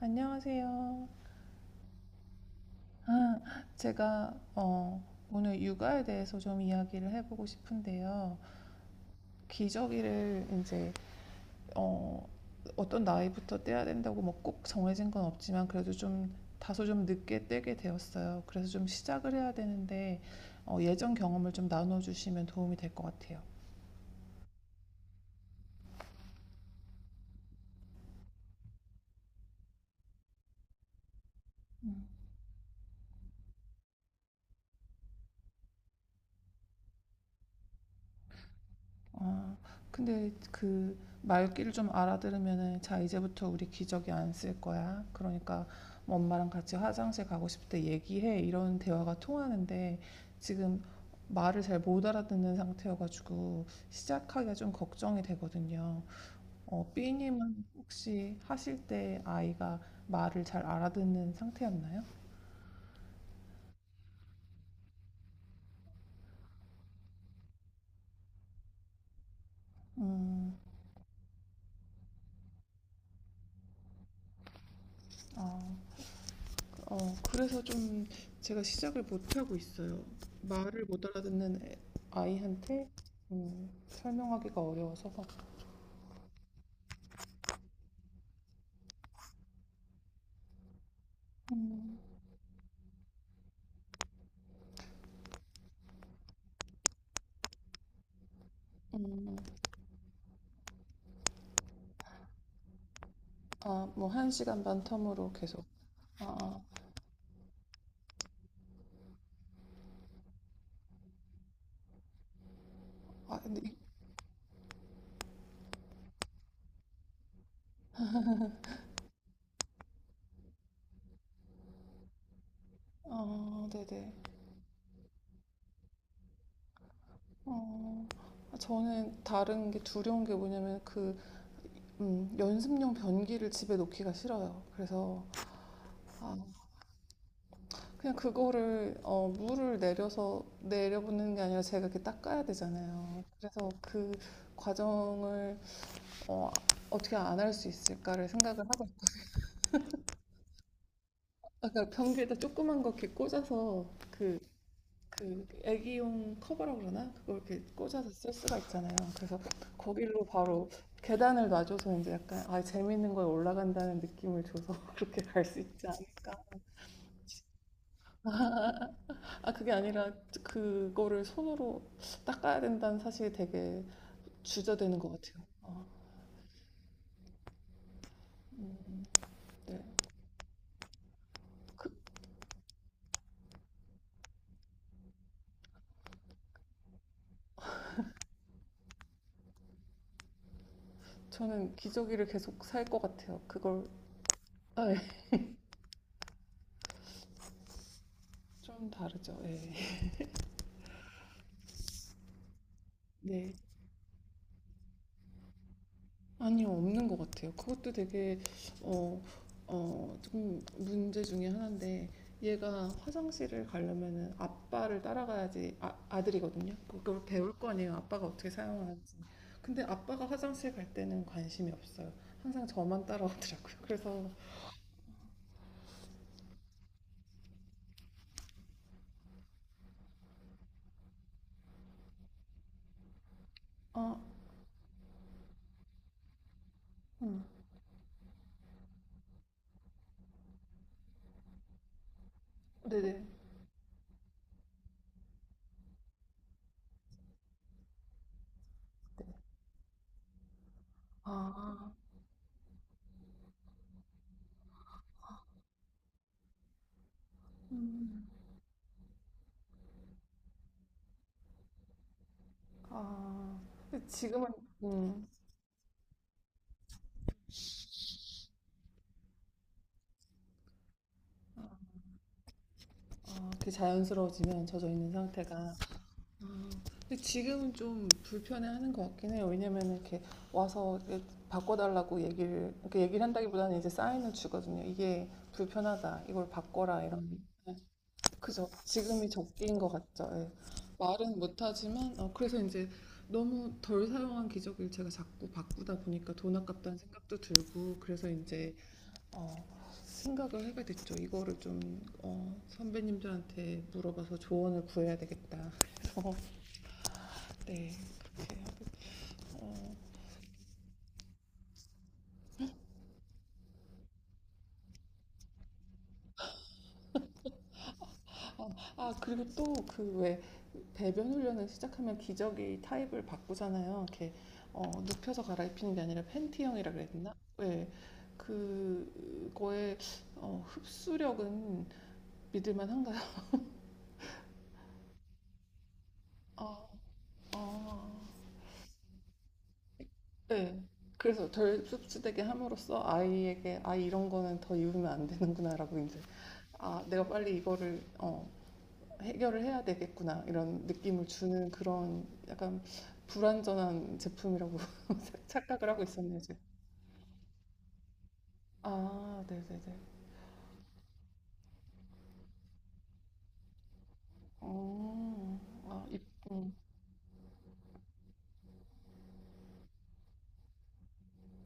안녕하세요. 아, 제가 오늘 육아에 대해서 좀 이야기를 해보고 싶은데요. 기저귀를 이제 어, 어떤 나이부터 떼야 된다고 뭐 꼭 정해진 건 없지만 그래도 좀 다소 좀 늦게 떼게 되었어요. 그래서 좀 시작을 해야 되는데 예전 경험을 좀 나눠주시면 도움이 될 것 같아요. 어, 근데 그 말귀를 좀 알아들으면은, 자 이제부터 우리 기저귀 안 쓸 거야. 그러니까 뭐 엄마랑 같이 화장실 가고 싶을 때 얘기해. 이런 대화가 통하는데 지금 말을 잘 못 알아듣는 상태여가지고 시작하기가 좀 걱정이 되거든요. B님은 혹시 하실 때 아이가 말을 잘 알아듣는 상태였나요? 음. 아. 어, 그래서 좀 제가 시작을 못하고 있어요. 말을 못 알아듣는 아이한테 설명하기가 어려워서. 음. 음. 음. 아, 뭐, 한 시간 반 텀으로 계속. 아, 아, 아, 근데, 아, 네네. 어, 아, 저는 다른 게 두려운 게 뭐냐면 그, 연습용 변기를 집에 놓기가 싫어요. 그래서, 아, 그냥 그거를, 물을 내려서 내려보는 게 아니라 제가 이렇게 닦아야 되잖아요. 그래서 그 과정을 어, 떻게 안 할 수 있을까를 생각을 하고. 아까 변기에다 조그만 거 이렇게 꽂아서, 그, 그 애기용 커버라고 그러나? 그걸 이렇게 꽂아서 쓸 수가 있잖아요. 그래서 거기로 바로 계단을 놔줘서 이제 약간 아 재밌는 거에 올라간다는 느낌을 줘서 그렇게 갈 수 있지 않을까? 아 그게 아니라 그, 그거를 손으로 닦아야 된다는 사실이 되게 주저되는 것 같아요. 아, 네. 그- 저는 기저귀를 계속 살 것 같아요. 그걸. 아, 예. 좀 다르죠. 예. 네. 아니요, 없는 것 같아요. 그것도 되게 어, 좀 문제 중에 하나인데 얘가 화장실을 가려면은 아빠를 따라가야지. 아, 아들이거든요. 그걸 배울 거 아니에요. 아빠가 어떻게 사용하는지. 근데 아빠가 화장실 갈 때는 관심이 없어요. 항상 저만 따라오더라고요. 그래서. 아, 음, 네네. 아, 음. 아, 근데 지금은, 음, 아, 그게 자연스러워지면 젖어 있는 상태가. 아, 근데 지금은 좀 불편해하는 것 같긴 해요. 왜냐면 이렇게 와서 이렇게 바꿔달라고 얘기를, 이렇게 얘기를 한다기보다는 이제 사인을 주거든요. 이게 불편하다. 이걸 바꿔라. 이런. 네, 그죠. 지금이 적기인 것 같죠. 예. 말은 못하지만, 그래서 이제 너무 덜 사용한 기저귀를 제가 자꾸 바꾸다 보니까 돈 아깝다는 생각도 들고, 그래서 이제 어, 생각을 하게 됐죠. 이거를 좀 선배님들한테 물어봐서 조언을 구해야 되겠다. 그래서 네 그렇게 하고. 어, 아 그리고 또 그 왜 배변 훈련을 시작하면 기저귀 타입을 바꾸잖아요. 이렇게 눕혀서 갈아입히는 게 아니라 팬티형이라 그래야 되나? 네, 그거의 흡수력은 믿을만한가요? 아, 아, 네. 그래서 덜 씁쓸하게 함으로써 아이에게 아 이런 거는 더 입으면 안 되는구나라고 이제 아 내가 빨리 이거를 해결을 해야 되겠구나 이런 느낌을 주는 그런 약간 불완전한 제품이라고 착각을 하고 있었네요 지금. 아 네네네. 어, 아 입, 음,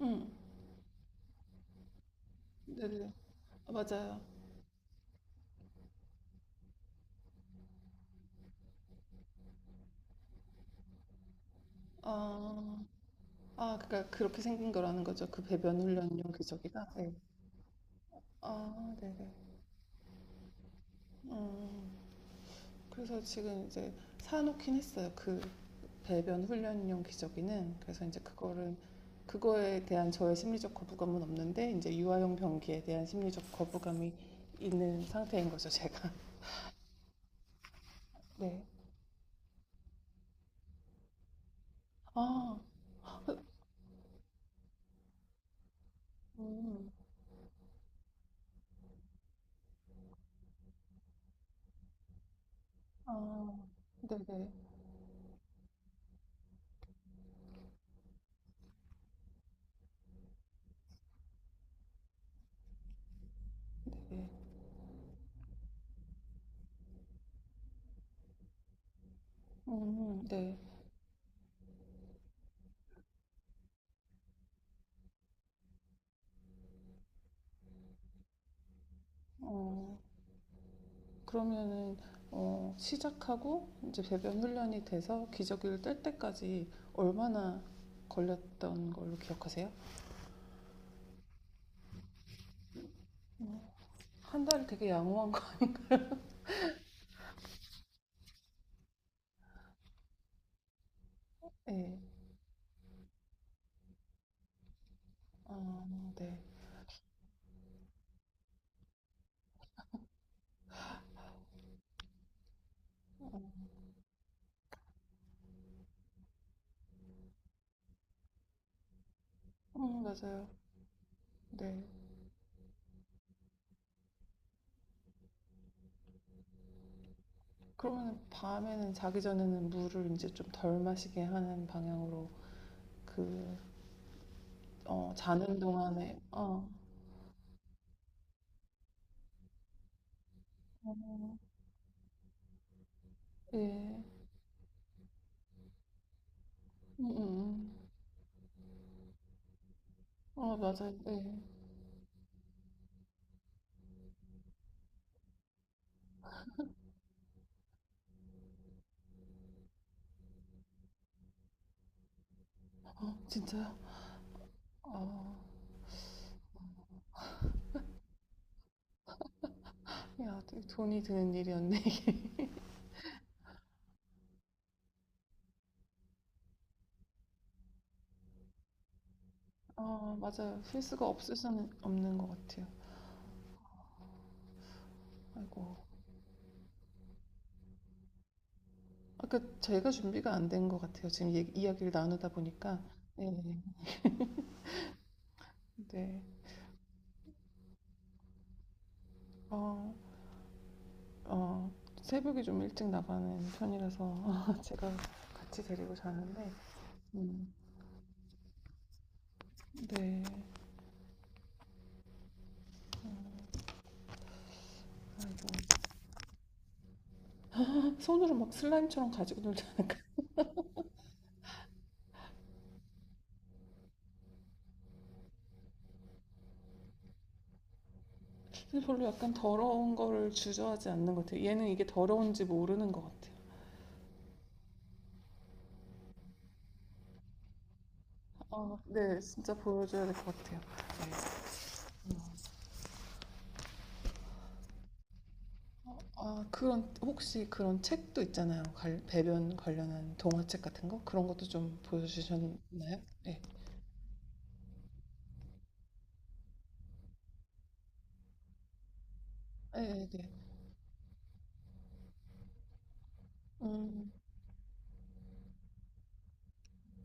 음, 네네. 아, 맞아요. 아, 아 그러니까 그렇게 생긴 거라는 거죠. 그 배변 훈련용 기저귀가. 네. 아 네네. 음. 그래서 지금 이제 사놓긴 했어요. 그 배변 훈련용 기저귀는. 그래서 이제 그거를 그거에 대한 저의 심리적 거부감은 없는데 이제 유아용 변기에 대한 심리적 거부감이 있는 상태인 거죠, 제가. 네. 아, 음, 아, 네네, 네네, 네. 어, 그러면은 시작하고 이제 배변 훈련이 돼서 기저귀를 뗄 때까지 얼마나 걸렸던 걸로 기억하세요? 한 달이 되게 양호한 거. 네. 아, 네. 맞아요. 네. 그러면 밤에는 자기 전에는 물을 이제 좀 덜 마시게 하는 방향으로, 그, 자는 동안에, 어, 예. 음, 음. 맞아요. 네. 진짜요? 아, 야, 되게 돈이 드는 일이었네, 이게. 아, 맞아요. 필수가 없을 수는 없는 것 같아요. 아이고. 아까 제가 준비가 안 된 것 같아요. 지금 이야기를 나누다 보니까. 네. 네. 어, 어, 새벽에 좀 일찍 나가는 편이라서 제가 같이 데리고 자는데. 음, 네. 아이고. 손으로 막 슬라임처럼 가지고 놀지 않을까. 별로 약간 더러운 거를 주저하지 않는 것 같아요. 얘는 이게 더러운지 모르는 것 같아요. 아, 네 진짜 보여줘야 될 것 같아요. 네. 음. 아 그런 혹시 그런 책도 있잖아요. 배변 관련한 동화책 같은 거, 그런 것도 좀 보여주셨나요? 네, 네, 네. 네. 음.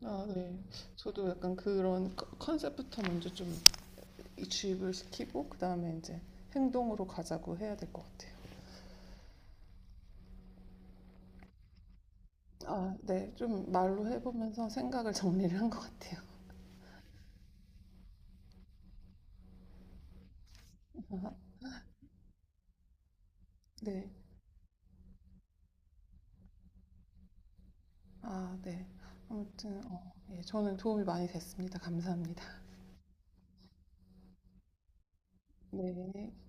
아, 네. 저도 약간 그런 컨셉부터 먼저 좀 주입을 시키고, 그 다음에 이제 행동으로 가자고 해야 될 것 같아요. 아, 네. 좀 말로 해보면서 생각을 정리를 한 것 같아요. 아, 네. 아, 네. 아무튼, 예, 저는 도움이 많이 됐습니다. 감사합니다. 네.